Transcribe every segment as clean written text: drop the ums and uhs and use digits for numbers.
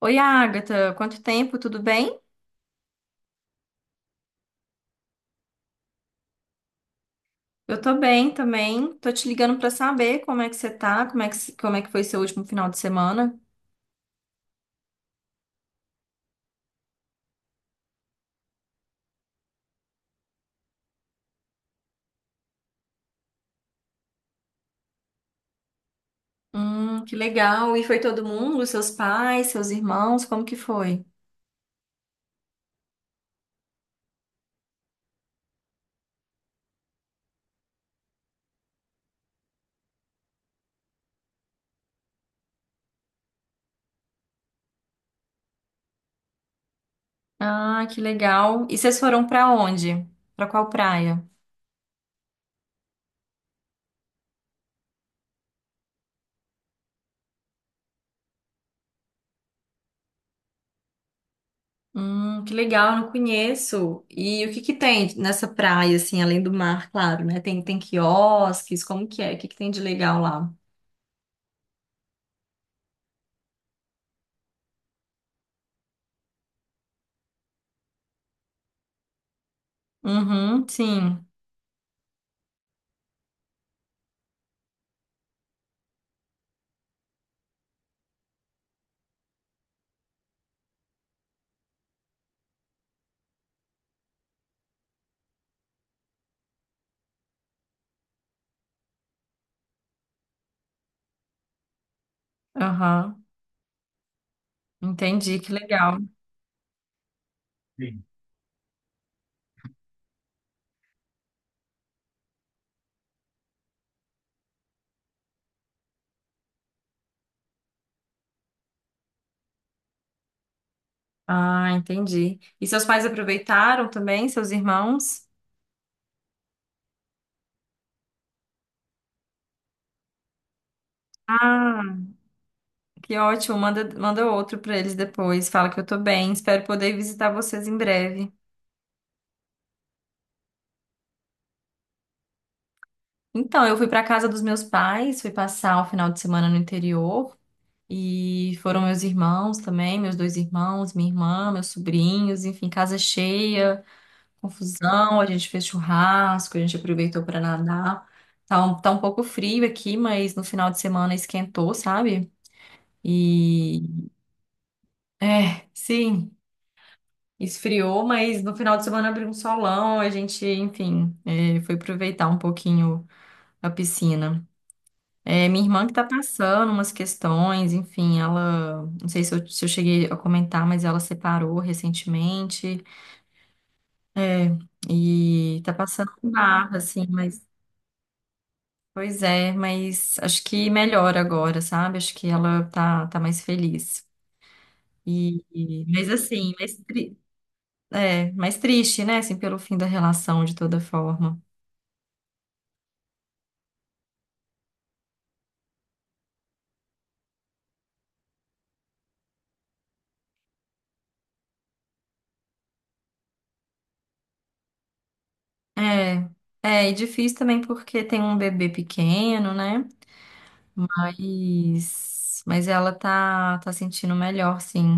Oi, Agatha, quanto tempo? Tudo bem? Eu tô bem também. Tô te ligando pra saber como é que você tá, como é que foi seu último final de semana. Que legal. E foi todo mundo? Seus pais, seus irmãos? Como que foi? Ah, que legal. E vocês foram pra onde? Pra qual praia? Que legal, eu não conheço. E o que que tem nessa praia, assim, além do mar, claro, né? Tem quiosques, como que é? O que que tem de legal lá? Uhum, sim. Aham, entendi, que legal. Ah, entendi. E seus pais aproveitaram também, seus irmãos? Ah, que ótimo. Manda, manda outro para eles depois. Fala que eu tô bem. Espero poder visitar vocês em breve. Então, eu fui para casa dos meus pais, fui passar o final de semana no interior e foram meus irmãos também, meus dois irmãos, minha irmã, meus sobrinhos, enfim, casa cheia, confusão. A gente fez churrasco, a gente aproveitou para nadar. Tá um pouco frio aqui, mas no final de semana esquentou, sabe? E sim, esfriou, mas no final de semana abriu um solão, a gente, enfim, foi aproveitar um pouquinho a piscina. É, minha irmã que tá passando umas questões, enfim, ela, não sei se eu cheguei a comentar, mas ela separou recentemente, é, e tá passando por barra, assim, mas, pois é, mas acho que melhora agora, sabe? Acho que ela tá mais feliz. E, e- mas assim, mas tri- É, mais triste, né? Assim, pelo fim da relação, de toda forma. É, e difícil também porque tem um bebê pequeno, né? Mas ela tá sentindo melhor, sim.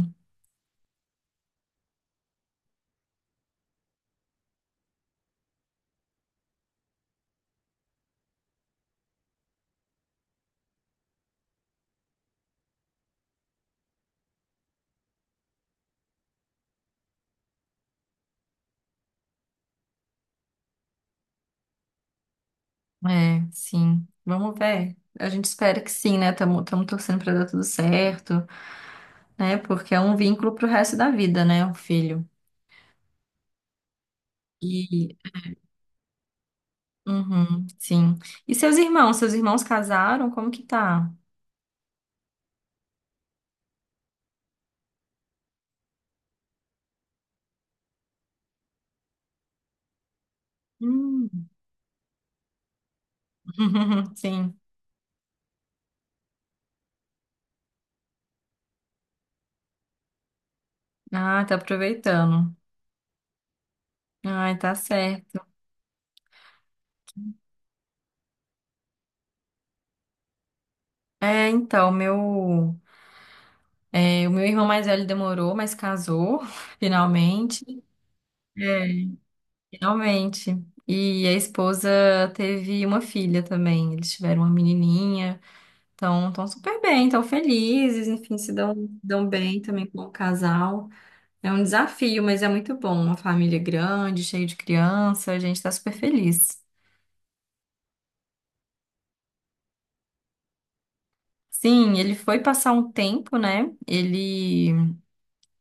É, sim. Vamos ver. A gente espera que sim, né? Estamos torcendo pra dar tudo certo, né? Porque é um vínculo pro resto da vida, né? O filho. E, uhum, sim. E seus irmãos? Seus irmãos casaram? Como que tá? Hum. Sim. Ah, tá aproveitando. Ai, tá certo. É, então, meu, o meu irmão mais velho demorou, mas casou, finalmente. É, finalmente. E a esposa teve uma filha também. Eles tiveram uma menininha. Então, estão super bem, estão felizes, enfim, se dão, dão bem também como casal. É um desafio, mas é muito bom. Uma família grande, cheia de criança, a gente está super feliz. Sim, ele foi passar um tempo, né? Ele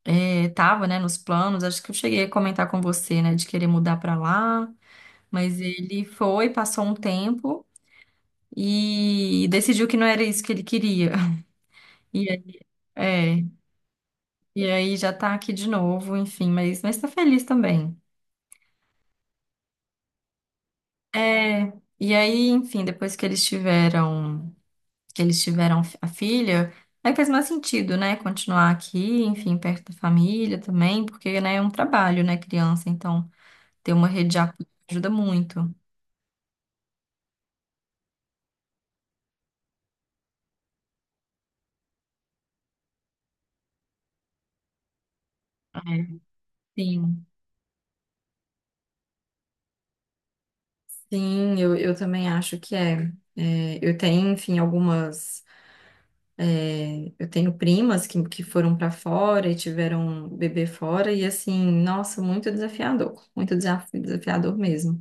é, Tava, né, nos planos, acho que eu cheguei a comentar com você, né, de querer mudar pra lá, mas ele foi, passou um tempo e decidiu que não era isso que ele queria. E aí, é, e aí já tá aqui de novo, enfim, mas tá feliz também. É, e aí, enfim, depois que eles tiveram a filha, aí faz mais sentido, né, continuar aqui, enfim, perto da família também, porque, né, é um trabalho, né, criança, então ter uma rede de apoio ajuda muito. É. Sim, sim, eu também acho que é. É, eu tenho, enfim, algumas. Eu tenho primas que foram para fora e tiveram bebê fora, e assim, nossa, muito desafiador, desafiador mesmo.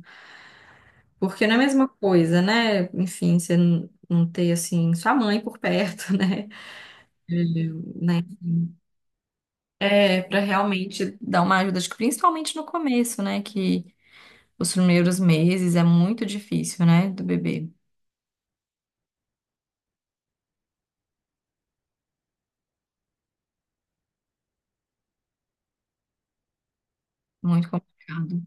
Porque não é a mesma coisa, né? Enfim, você não ter, assim, sua mãe por perto, né? Né? É, para realmente dar uma ajuda, acho que principalmente no começo, né? Que os primeiros meses é muito difícil, né? Do bebê, muito complicado.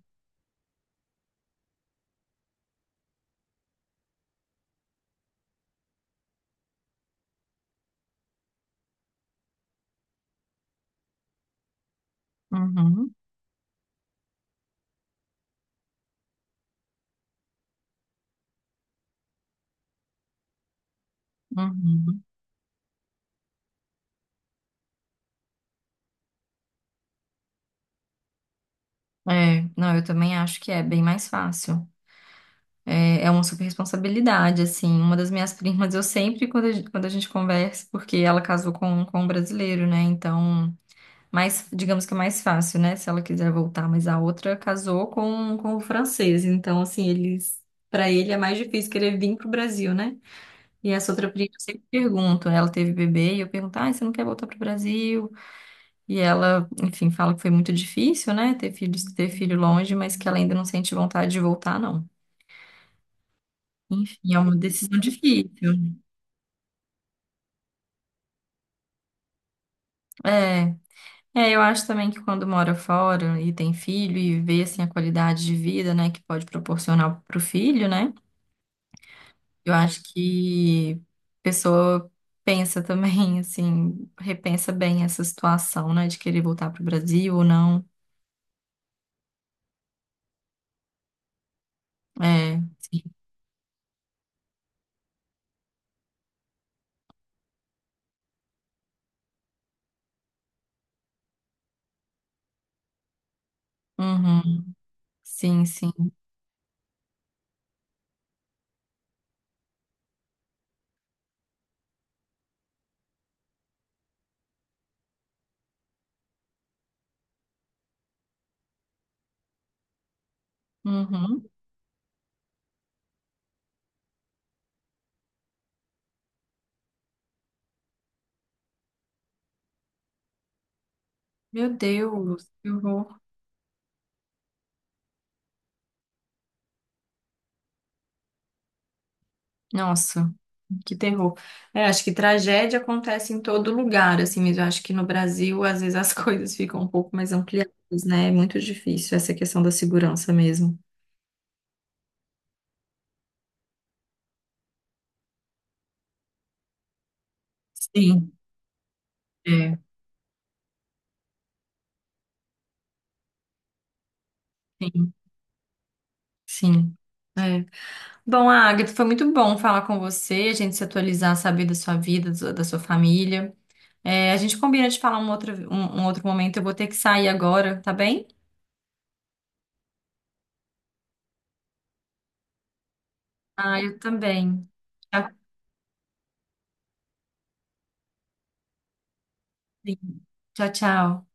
Uhum, uhum. É, não, eu também acho que é bem mais fácil. É, é uma super responsabilidade, assim. Uma das minhas primas, eu sempre, quando a gente conversa, porque ela casou com um brasileiro, né? Então, mais, digamos que é mais fácil, né? Se ela quiser voltar, mas a outra casou com o francês. Então, assim, eles, para ele é mais difícil querer vir pro Brasil, né? E essa outra prima, eu sempre pergunto, ela teve bebê, e eu pergunto, ah, você não quer voltar pro Brasil? E ela, enfim, fala que foi muito difícil, né, ter filhos, ter filho longe, mas que ela ainda não sente vontade de voltar, não. Enfim, é uma decisão difícil. É, eu acho também que quando mora fora e tem filho e vê, assim, a qualidade de vida, né, que pode proporcionar pro filho, né, eu acho que a pessoa pensa também, assim, repensa bem essa situação, né, de querer voltar pro Brasil ou não. É, sim. Uhum. Sim, sim. Uhum. Meu Deus, eu vou. Nossa, que terror. É, acho que tragédia acontece em todo lugar, assim mesmo. Eu acho que no Brasil, às vezes, as coisas ficam um pouco mais ampliadas, né? É muito difícil essa questão da segurança mesmo. Sim, é. Sim. Sim. É. Bom, Agatha, foi muito bom falar com você, a gente se atualizar, saber da sua vida, da sua família. É, a gente combina de falar um outro momento. Eu vou ter que sair agora, tá bem? Ah, eu também. Tchau, tchau, tchau.